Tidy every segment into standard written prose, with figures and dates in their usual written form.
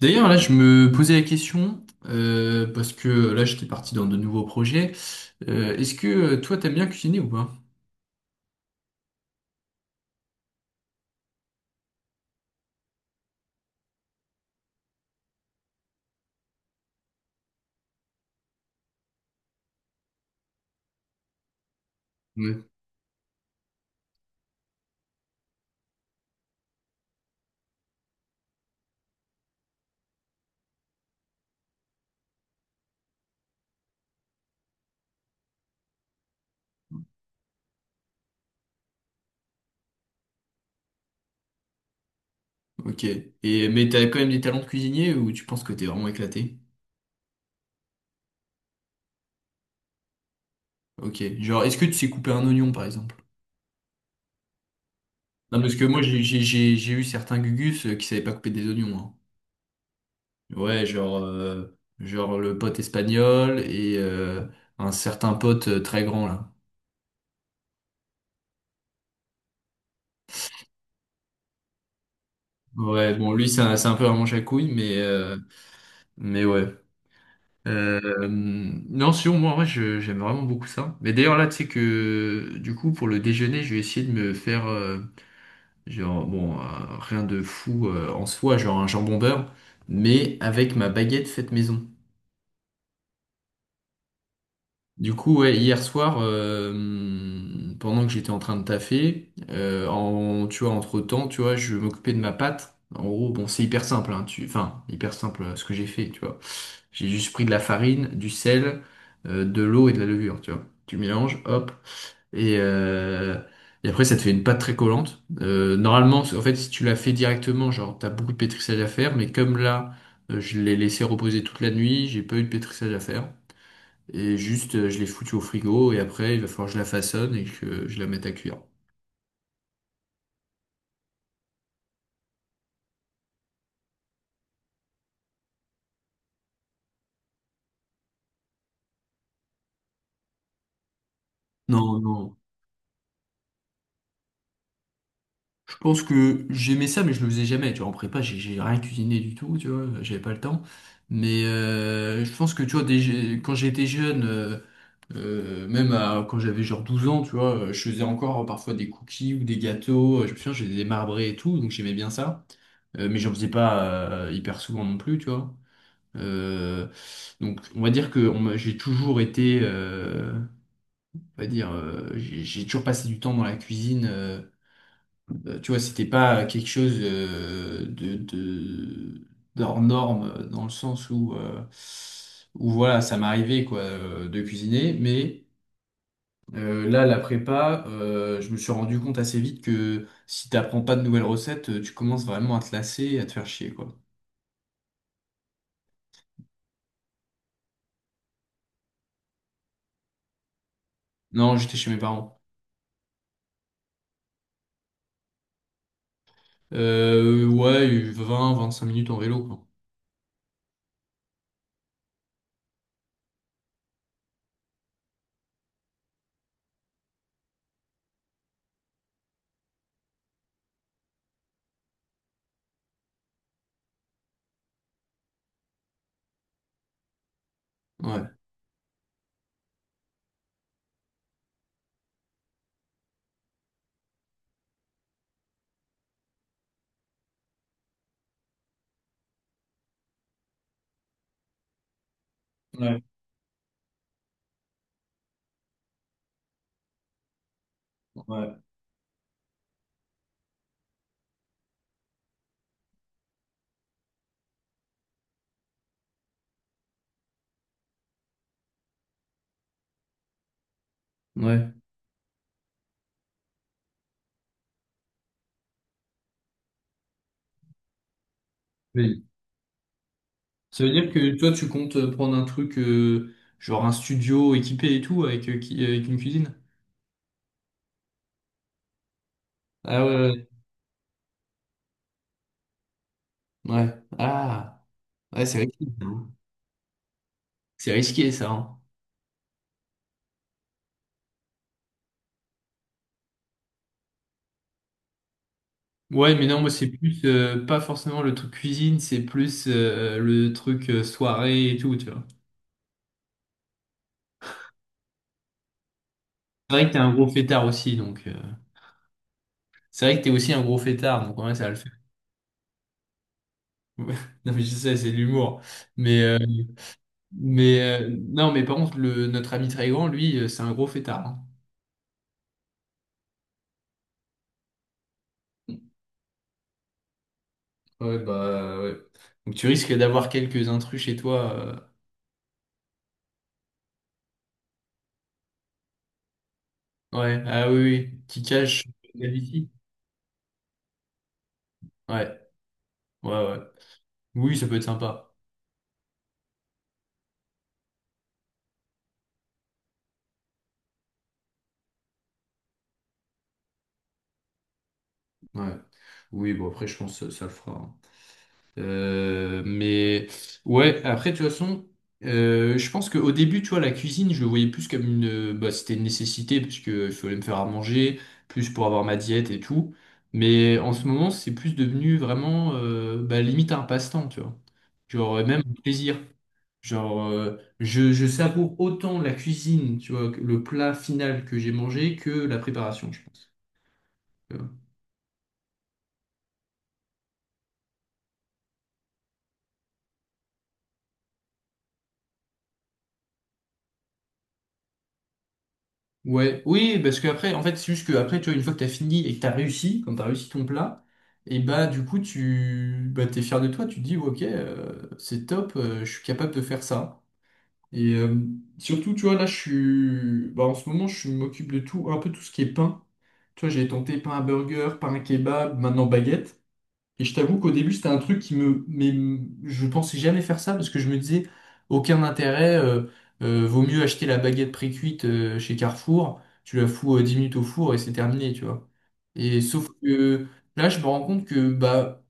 D'ailleurs, là, je me posais la question, parce que là, j'étais parti dans de nouveaux projets. Est-ce que toi, t'aimes bien cuisiner ou pas? Ouais. Ok. Et, mais t'as quand même des talents de cuisinier ou tu penses que t'es vraiment éclaté? Ok. Genre, est-ce que tu sais couper un oignon, par exemple? Non, parce que moi, j'ai eu certains gugus qui savaient pas couper des oignons, hein. Ouais, genre, genre le pote espagnol et un certain pote très grand, là. Ouais, bon, lui, c'est un peu un manche à couilles, mais ouais. Non, sinon, moi, en vrai, j'aime vraiment beaucoup ça. Mais d'ailleurs, là, tu sais que, du coup, pour le déjeuner, je vais essayer de me faire, genre, bon, rien de fou en soi, genre un jambon beurre, mais avec ma baguette faite maison. Du coup, ouais, hier soir, pendant que j'étais en train de taffer, en, tu vois, entre-temps, tu vois, je m'occupais de ma pâte. En gros, bon, c'est hyper simple, hein, enfin, hyper simple, ce que j'ai fait, tu vois. J'ai juste pris de la farine, du sel, de l'eau et de la levure, tu vois. Tu mélanges, hop, et, euh, et après, ça te fait une pâte très collante. Normalement, en fait, si tu la fais directement, genre, t'as beaucoup de pétrissage à faire, mais comme là, je l'ai laissé reposer toute la nuit, j'ai pas eu de pétrissage à faire. Et juste, je l'ai foutue au frigo et après, il va falloir que je la façonne et que je la mette à cuire. Non, non. Je pense que j'aimais ça, mais je le faisais jamais. Tu vois, en prépa, j'ai rien cuisiné du tout, tu vois, j'avais pas le temps. Mais je pense que, tu vois, quand j'étais jeune, même quand j'avais genre 12 ans, tu vois, je faisais encore parfois des cookies ou des gâteaux. Je me souviens, j'ai des marbrés et tout, donc j'aimais bien ça. Mais j'en faisais pas hyper souvent non plus, tu vois. Euh, donc, on va dire que j'ai toujours été, on va dire, j'ai toujours passé du temps dans la cuisine. Tu vois, c'était pas quelque chose, de, d'hors norme, dans le sens où, où voilà, ça m'arrivait quoi, de cuisiner. Mais là, la prépa, je me suis rendu compte assez vite que si t'apprends pas de nouvelles recettes, tu commences vraiment à te lasser et à te faire chier, quoi. Non, j'étais chez mes parents. Ouais, vingt, 25 minutes en vélo, quoi. Ouais. Ouais, ouais. Ouais. Mais ça veut dire que toi, tu comptes, prendre un truc, genre un studio équipé et tout, avec, avec une cuisine? Ah ouais, ouais. Ouais. Ah, ouais, c'est risqué, ça, hein. C'est risqué, ça, hein. Ouais, mais non, moi, c'est plus, pas forcément le truc cuisine, c'est plus, le truc, soirée et tout, tu vois. C'est vrai que t'es un gros fêtard aussi, donc, c'est vrai que t'es aussi un gros fêtard, donc ouais, ça va le faire. Non, mais je sais, c'est de l'humour. Mais, euh, mais non, mais par contre, notre ami très grand, lui, c'est un gros fêtard, hein. Ouais, bah ouais. Donc tu risques d'avoir quelques intrus chez toi, ouais, ah oui, oui, qui cachent la vie. Ouais, ouais, ouais. Oui, ça peut être sympa. Ouais. Oui, bon, après, je pense que ça le fera, hein. Mais ouais, après, de toute façon, je pense qu'au début, tu vois, la cuisine, je le voyais plus comme une. Bah, c'était une nécessité, parce que il fallait me faire à manger, plus pour avoir ma diète et tout. Mais en ce moment, c'est plus devenu vraiment, bah, limite un passe-temps, tu vois. Genre, même un plaisir. Genre, je savoure autant la cuisine, tu vois, que le plat final que j'ai mangé que la préparation, je pense. Euh, ouais, oui, parce qu'après, en fait, c'est juste que après, tu vois, une fois que t'as fini et que t'as réussi, quand t'as réussi ton plat, et bah, du coup, tu bah, t'es fier de toi, tu te dis, ouais, ok, c'est top, je suis capable de faire ça. Et surtout, tu vois, là, bah, en ce moment, je m'occupe de tout, un peu tout ce qui est pain. Tu vois, j'ai tenté pain à burger, pain à kebab, maintenant baguette. Et je t'avoue qu'au début, c'était un truc qui me... Mais je pensais jamais faire ça parce que je me disais, aucun intérêt, vaut mieux acheter la baguette pré-cuite, chez Carrefour, tu la fous, 10 minutes au four et c'est terminé, tu vois. Et sauf que là, je me rends compte que, bah,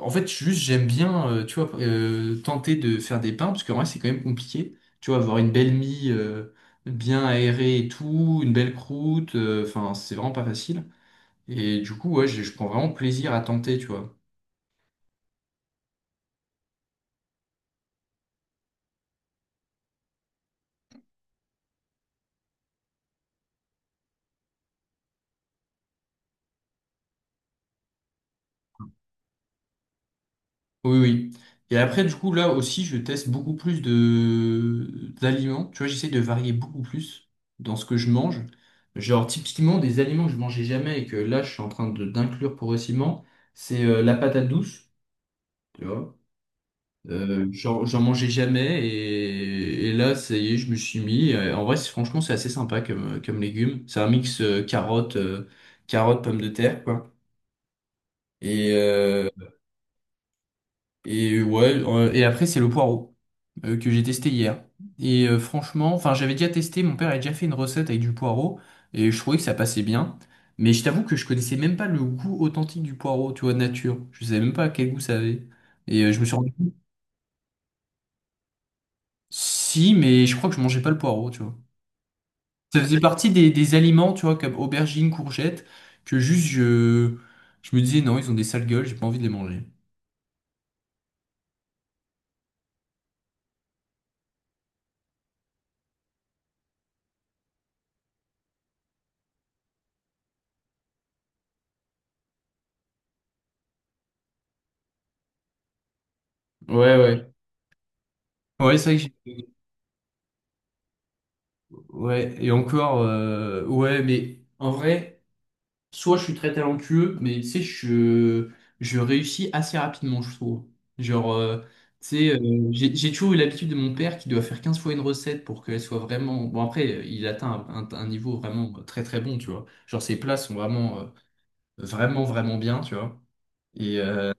en fait, juste, j'aime bien, tu vois, tenter de faire des pains parce que vrai, c'est quand même compliqué. Tu vois, avoir une belle mie, bien aérée et tout, une belle croûte, enfin, c'est vraiment pas facile. Et du coup, ouais, je prends vraiment plaisir à tenter, tu vois. Oui, oui. Et après, du coup, là aussi, je teste beaucoup plus de d'aliments. Tu vois, j'essaie de varier beaucoup plus dans ce que je mange. Genre, typiquement, des aliments que je mangeais jamais et que là, je suis en train de d'inclure progressivement, c'est, la patate douce, tu vois. Genre, j'en mangeais jamais, et là, ça y est, je me suis mis. En vrai, franchement, c'est assez sympa comme, légume. C'est un mix, pomme de terre, quoi. Et, euh, Et ouais, et après c'est le poireau, que j'ai testé hier. Et franchement, enfin j'avais déjà testé, mon père a déjà fait une recette avec du poireau et je trouvais que ça passait bien. Mais je t'avoue que je connaissais même pas le goût authentique du poireau, tu vois, nature. Je savais même pas quel goût ça avait. Et je me suis rendu compte. Si, mais je crois que je mangeais pas le poireau, tu vois. Ça faisait partie des aliments, tu vois, comme aubergines, courgettes, que juste je me disais non, ils ont des sales gueules, j'ai pas envie de les manger. Ouais, ouais. Ouais, c'est vrai que j'ai-. Ouais, et encore, ouais, mais en vrai, soit je suis très talentueux, mais tu sais, je réussis assez rapidement, je trouve. Genre, tu sais, j'ai toujours eu l'habitude de mon père qui doit faire 15 fois une recette pour qu'elle soit vraiment... Bon, après, il atteint un niveau vraiment très très bon, tu vois. Genre, ses plats sont vraiment, vraiment, vraiment bien, tu vois. Et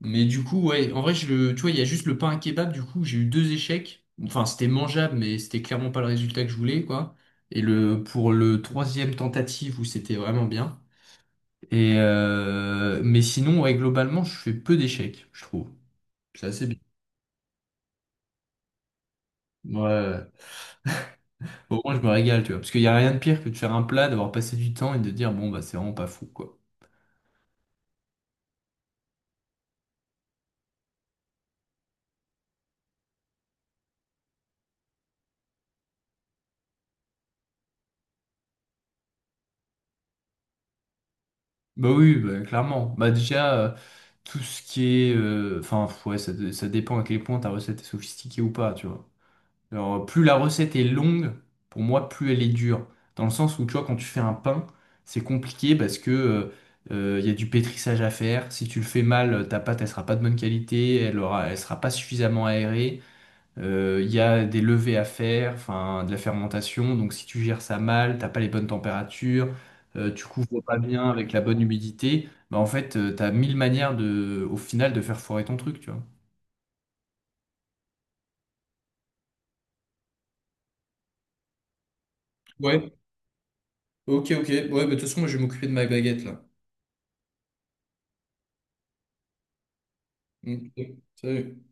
mais du coup, ouais, en vrai, tu vois, il y a juste le pain à kebab, du coup, j'ai eu deux échecs. Enfin, c'était mangeable, mais c'était clairement pas le résultat que je voulais, quoi. Et pour le troisième tentative où c'était vraiment bien. Et mais sinon, ouais, globalement, je fais peu d'échecs, je trouve. C'est assez bien. Ouais, ouais, ouais. Au moins, je me régale, tu vois. Parce qu'il y a rien de pire que de faire un plat, d'avoir passé du temps et de dire, bon, bah, c'est vraiment pas fou, quoi. Bah oui, bah, clairement. Bah déjà, tout ce qui est... Enfin, ouais, ça dépend à quel point ta recette est sophistiquée ou pas, tu vois. Alors, plus la recette est longue, pour moi, plus elle est dure. Dans le sens où, tu vois, quand tu fais un pain, c'est compliqué parce que, il y a du pétrissage à faire. Si tu le fais mal, ta pâte, elle sera pas de bonne qualité, elle sera pas suffisamment aérée. Il y a des levées à faire, enfin, de la fermentation. Donc, si tu gères ça mal, t'as pas les bonnes températures, tu couvres pas bien avec la bonne humidité, bah, en fait, tu t'as mille manières de, au final, de faire foirer ton truc, tu vois. Ouais, ok, ok. Ouais, bah, de toute façon, moi, je vais m'occuper de ma baguette là. Ok, Salut.